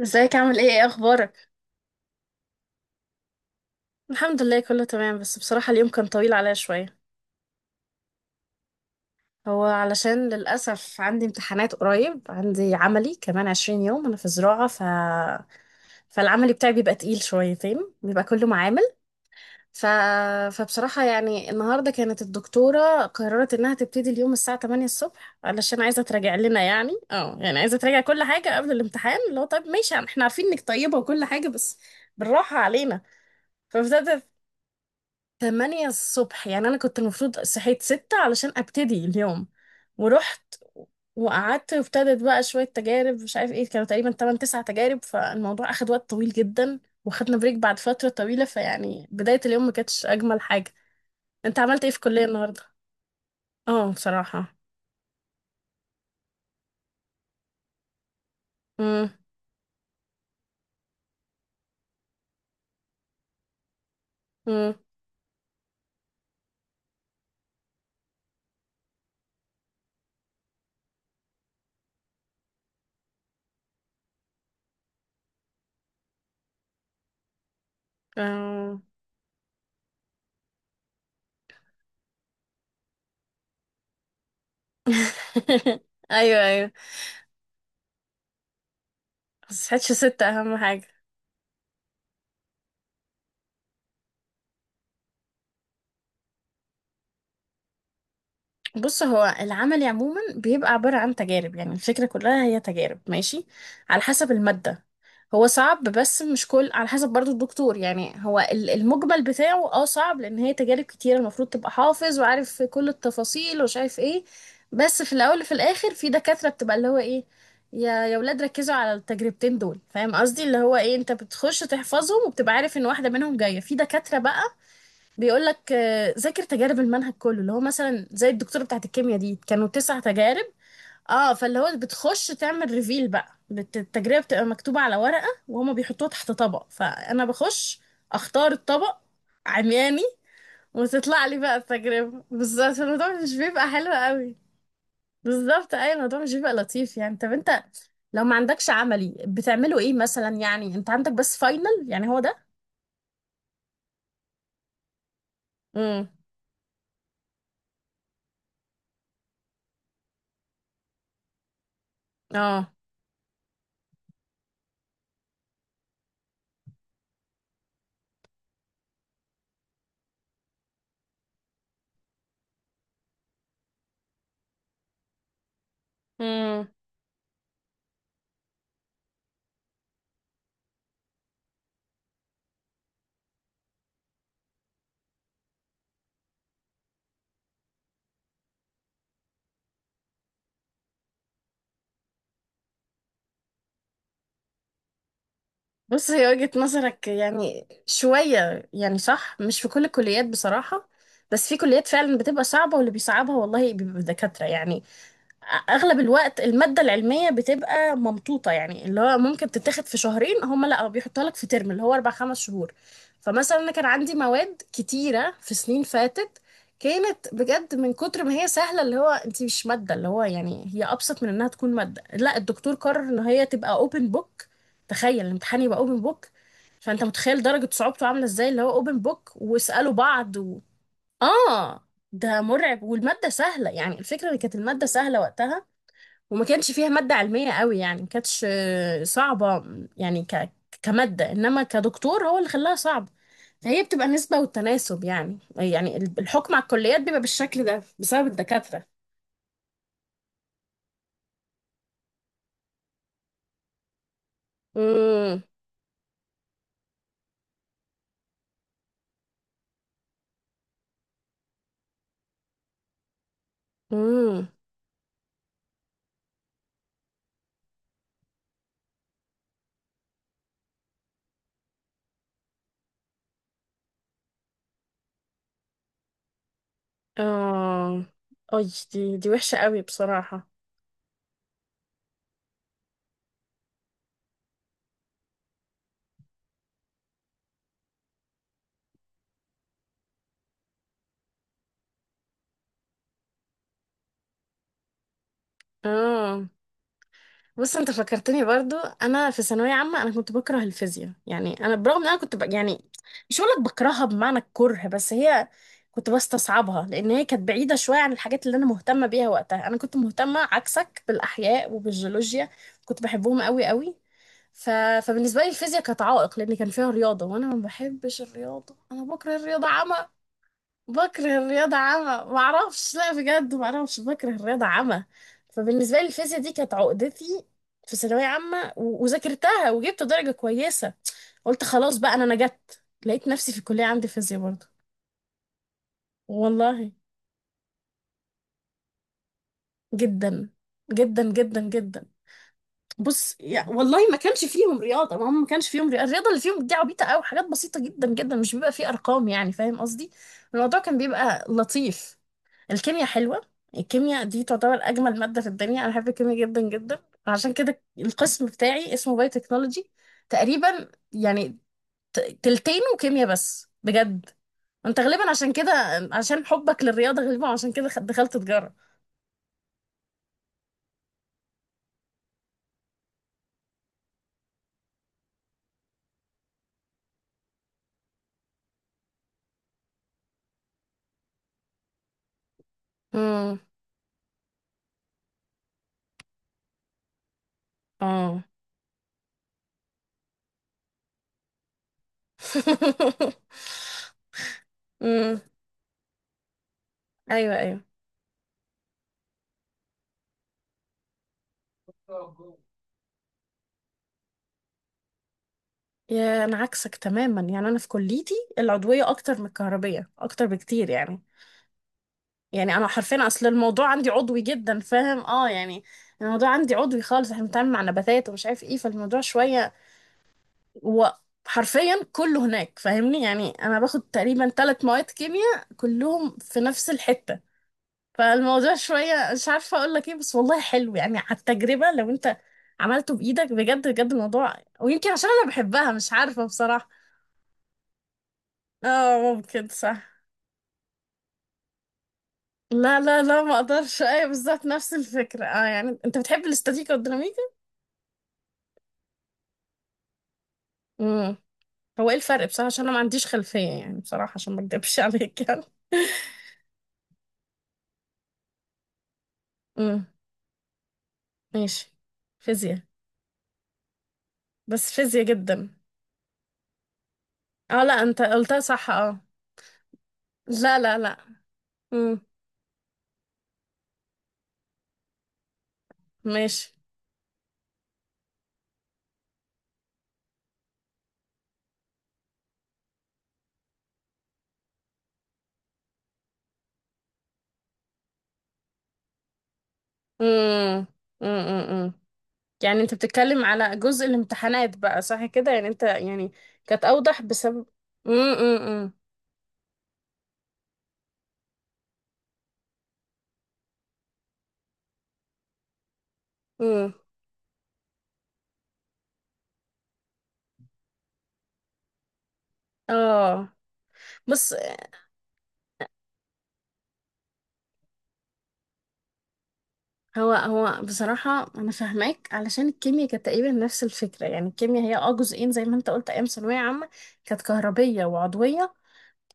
ازيك، عامل ايه، ايه اخبارك؟ الحمد لله كله تمام، بس بصراحة اليوم كان طويل عليا شوية. هو علشان للأسف عندي امتحانات قريب، عندي عملي كمان 20 يوم، أنا في زراعة فالعملي بتاعي بيبقى تقيل شويتين، بيبقى كله معامل ف... فبصراحة يعني النهاردة كانت الدكتورة قررت إنها تبتدي اليوم الساعة 8 الصبح، علشان عايزة تراجع لنا، يعني عايزة تراجع كل حاجة قبل الامتحان، اللي هو طيب ماشي احنا عارفين إنك طيبة وكل حاجة، بس بالراحة علينا. فابتدت 8 الصبح، يعني أنا كنت المفروض صحيت 6 علشان أبتدي اليوم، ورحت وقعدت، وابتدت بقى شوية تجارب مش عارف ايه، كانوا تقريبا تمن تسع تجارب، فالموضوع أخد وقت طويل جدا، واخدنا بريك بعد فترة طويلة، فيعني بداية اليوم ما كانتش أجمل حاجة. أنت عملت ايه في الكلية النهاردة؟ اه بصراحة. مم. مم. آه. أيوه أيوه. بس صحيتش 6 أهم حاجة. بص، هو العمل عموما بيبقى عبارة عن تجارب، يعني الفكرة كلها هي تجارب ماشي على حسب المادة. هو صعب بس مش كل، على حسب برضو الدكتور، يعني هو المجمل بتاعه اه صعب، لأن هي تجارب كتيرة المفروض تبقى حافظ وعارف في كل التفاصيل ومش عارف ايه. بس في الأول وفي الآخر في دكاترة بتبقى اللي هو ايه، يا ولاد ركزوا على التجربتين دول، فاهم قصدي اللي هو ايه، انت بتخش تحفظهم وبتبقى عارف ان واحدة منهم جاية، في دكاترة بقى بيقول لك ذاكر تجارب المنهج كله، اللي هو مثلا زي الدكتوره بتاعت الكيمياء دي كانوا 9 تجارب. اه، فاللي هو بتخش تعمل ريفيل بقى، التجربه بتبقى مكتوبه على ورقه وهما بيحطوها تحت طبق، فانا بخش اختار الطبق عمياني، وتطلع لي بقى التجربه بالظبط، الموضوع مش بيبقى حلو قوي. بالظبط اي، الموضوع مش بيبقى لطيف يعني. طب انت لو ما عندكش عملي بتعملوا ايه مثلا، يعني انت عندك بس فاينل، يعني هو ده؟ امم اه. بص هي وجهة نظرك يعني شوية يعني صح، مش في كل الكليات بصراحة، بس في كليات فعلا بتبقى صعبة، واللي بيصعبها والله بيبقى دكاترة يعني. اغلب الوقت الماده العلميه بتبقى ممطوطه، يعني اللي هو ممكن تتاخد في شهرين، هم لا بيحطها لك في ترم اللي هو اربع خمس شهور. فمثلا انا كان عندي مواد كتيره في سنين فاتت، كانت بجد من كتر ما هي سهله، اللي هو انت مش ماده، اللي هو يعني هي ابسط من انها تكون ماده، لا الدكتور قرر ان هي تبقى اوبن بوك. تخيل الامتحان يبقى اوبن بوك، فانت متخيل درجه صعوبته عامله ازاي، اللي هو اوبن بوك واسالوا بعض اه، ده مرعب، والمادة سهلة، يعني الفكرة ان كانت المادة سهلة وقتها، وما كانش فيها مادة علمية قوي، يعني ما كانتش صعبة. يعني كمادة، انما كدكتور هو اللي خلاها صعبة، فهي بتبقى نسبة والتناسب يعني، يعني الحكم على الكليات بيبقى بالشكل ده بسبب الدكاترة. امم امم اه اي. دي وحشة قوي بصراحة. اه، بص انت فكرتني برضو، انا في ثانويه عامه انا كنت بكره الفيزياء، يعني انا برغم ان انا كنت يعني مش هقول لك بكرهها بمعنى الكره، بس هي كنت بستصعبها لان هي كانت بعيده شويه عن الحاجات اللي انا مهتمه بيها وقتها، انا كنت مهتمه عكسك بالاحياء وبالجيولوجيا، كنت بحبهم قوي قوي ف... فبالنسبه لي الفيزياء كانت عائق، لان كان فيها رياضه وانا ما بحبش الرياضه، انا بكره الرياضه عامه. بكره الرياضة عمى معرفش، لا بجد معرفش، بكره الرياضة عمى. فبالنسبة لي الفيزياء دي كانت عقدتي في ثانوية عامة وذاكرتها وجبت درجة كويسة. قلت خلاص بقى أنا نجت، لقيت نفسي في الكلية عندي فيزياء برضه. والله جدا. جدا جدا جدا. بص يا، والله ما كانش فيهم رياضة، ما هم ما كانش فيهم رياضة، الرياضة اللي فيهم دي عبيطة أوي، حاجات بسيطة جدا جدا، مش بيبقى فيه أرقام يعني فاهم قصدي. الموضوع كان بيبقى لطيف. الكيمياء حلوة. الكيمياء دي تعتبر أجمل مادة في الدنيا، أنا بحب الكيمياء جدا جدا، عشان كده القسم بتاعي اسمه باي تكنولوجي تقريبا يعني، تلتينه كيمياء بس بجد. انت غالبا عشان كده، عشان حبك للرياضة غالبا عشان كده دخلت تجارة. امم اه. امم. ايوه ايوه. يا انا عكسك تماما، يعني انا في كليتي العضويه اكتر من الكهربيه، اكتر بكتير يعني. يعني انا حرفيا اصل الموضوع عندي عضوي جدا فاهم اه يعني. الموضوع عندي عضوي خالص، احنا بنتعامل مع نباتات ومش عارف ايه، فالموضوع شويه وحرفيا كله هناك فاهمني، يعني انا باخد تقريبا 3 مواد كيمياء كلهم في نفس الحته. فالموضوع شويه مش عارفه اقول لك ايه، بس والله حلو يعني. على التجربه لو انت عملته بايدك بجد، بجد الموضوع. ويمكن عشان انا بحبها مش عارفه بصراحه. اه ممكن صح. لا لا لا ما اقدرش. ايوه بالظبط نفس الفكره اه، يعني انت بتحب الاستاتيكا والديناميكا. امم. هو ايه الفرق بصراحه عشان انا ما عنديش خلفيه، يعني بصراحه عشان ما اكدبش عليك يعني. امم ماشي. فيزياء. بس فيزياء جدا. اه لا انت قلتها صح اه. لا لا لا. امم. ماشي. امم امم. يعني انت بتتكلم على جزء الامتحانات بقى صح كده، يعني انت يعني كانت اوضح بسبب. امم امم امم. اه بص. هو بصراحة أنا فاهماك، علشان الكيمياء كانت تقريبا نفس الفكرة، يعني الكيمياء هي اه جزئين زي ما أنت قلت أيام ثانوية عامة، كانت كهربية وعضوية.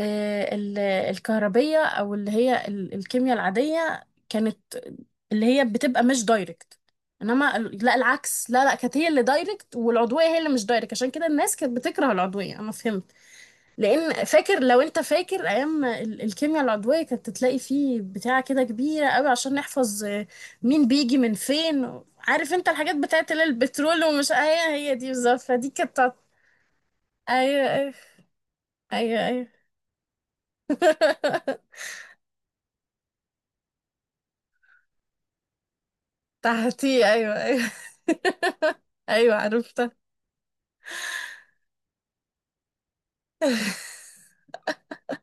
آه، الكهربية، أو اللي هي الكيمياء العادية، كانت اللي هي بتبقى مش دايركت، إنما لا العكس، لا لا، كانت هي اللي دايركت والعضوية هي اللي مش دايركت، عشان كده الناس كانت بتكره العضوية، أنا فهمت. لان فاكر، لو انت فاكر ايام الكيمياء العضويه، كانت تلاقي فيه بتاعه كده كبيره قوي عشان نحفظ مين بيجي من فين، عارف انت الحاجات بتاعه اللي هي البترول ومش هي دي بالظبط، فدي كانت بتاعت- ايوه ايوه ايوه ايوه. تحتي، ايوه ايوه. ايوه عرفتها.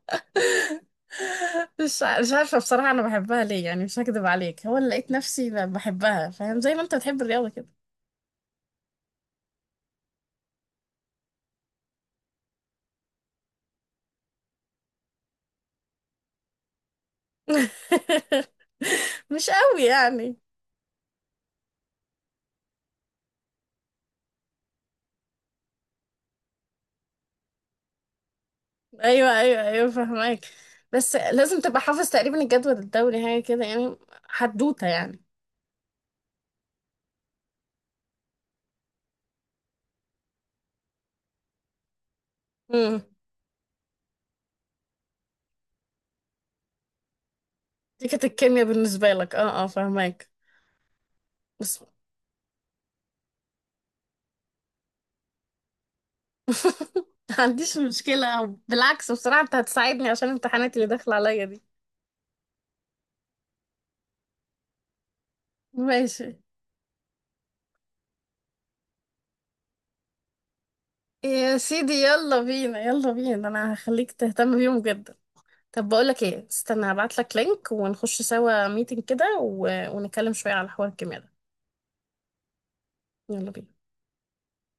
مش عارفه بصراحه انا بحبها ليه، يعني مش هكذب عليك، هو اللي لقيت نفسي بحبها فاهم، زي ما انت بتحب الرياضه كده. مش قوي يعني. ايوه ايوه ايوه فهمك. بس لازم تبقى حافظ تقريبا الجدول الدوري، حاجه كده يعني. حدوته يعني. امم. دي كانت الكيمياء بالنسبه لك، اه اه فهمك بس. ما عنديش مشكله، أو بالعكس بصراحه انت هتساعدني عشان الامتحانات اللي داخله عليا دي. ماشي. يا سيدي يلا بينا، يلا بينا، انا هخليك تهتم بيهم جدا. طب بقول لك ايه، استنى هبعت لك لينك ونخش سوا ميتنج كده ونتكلم شويه على حوار الكيمياء ده. يلا بينا.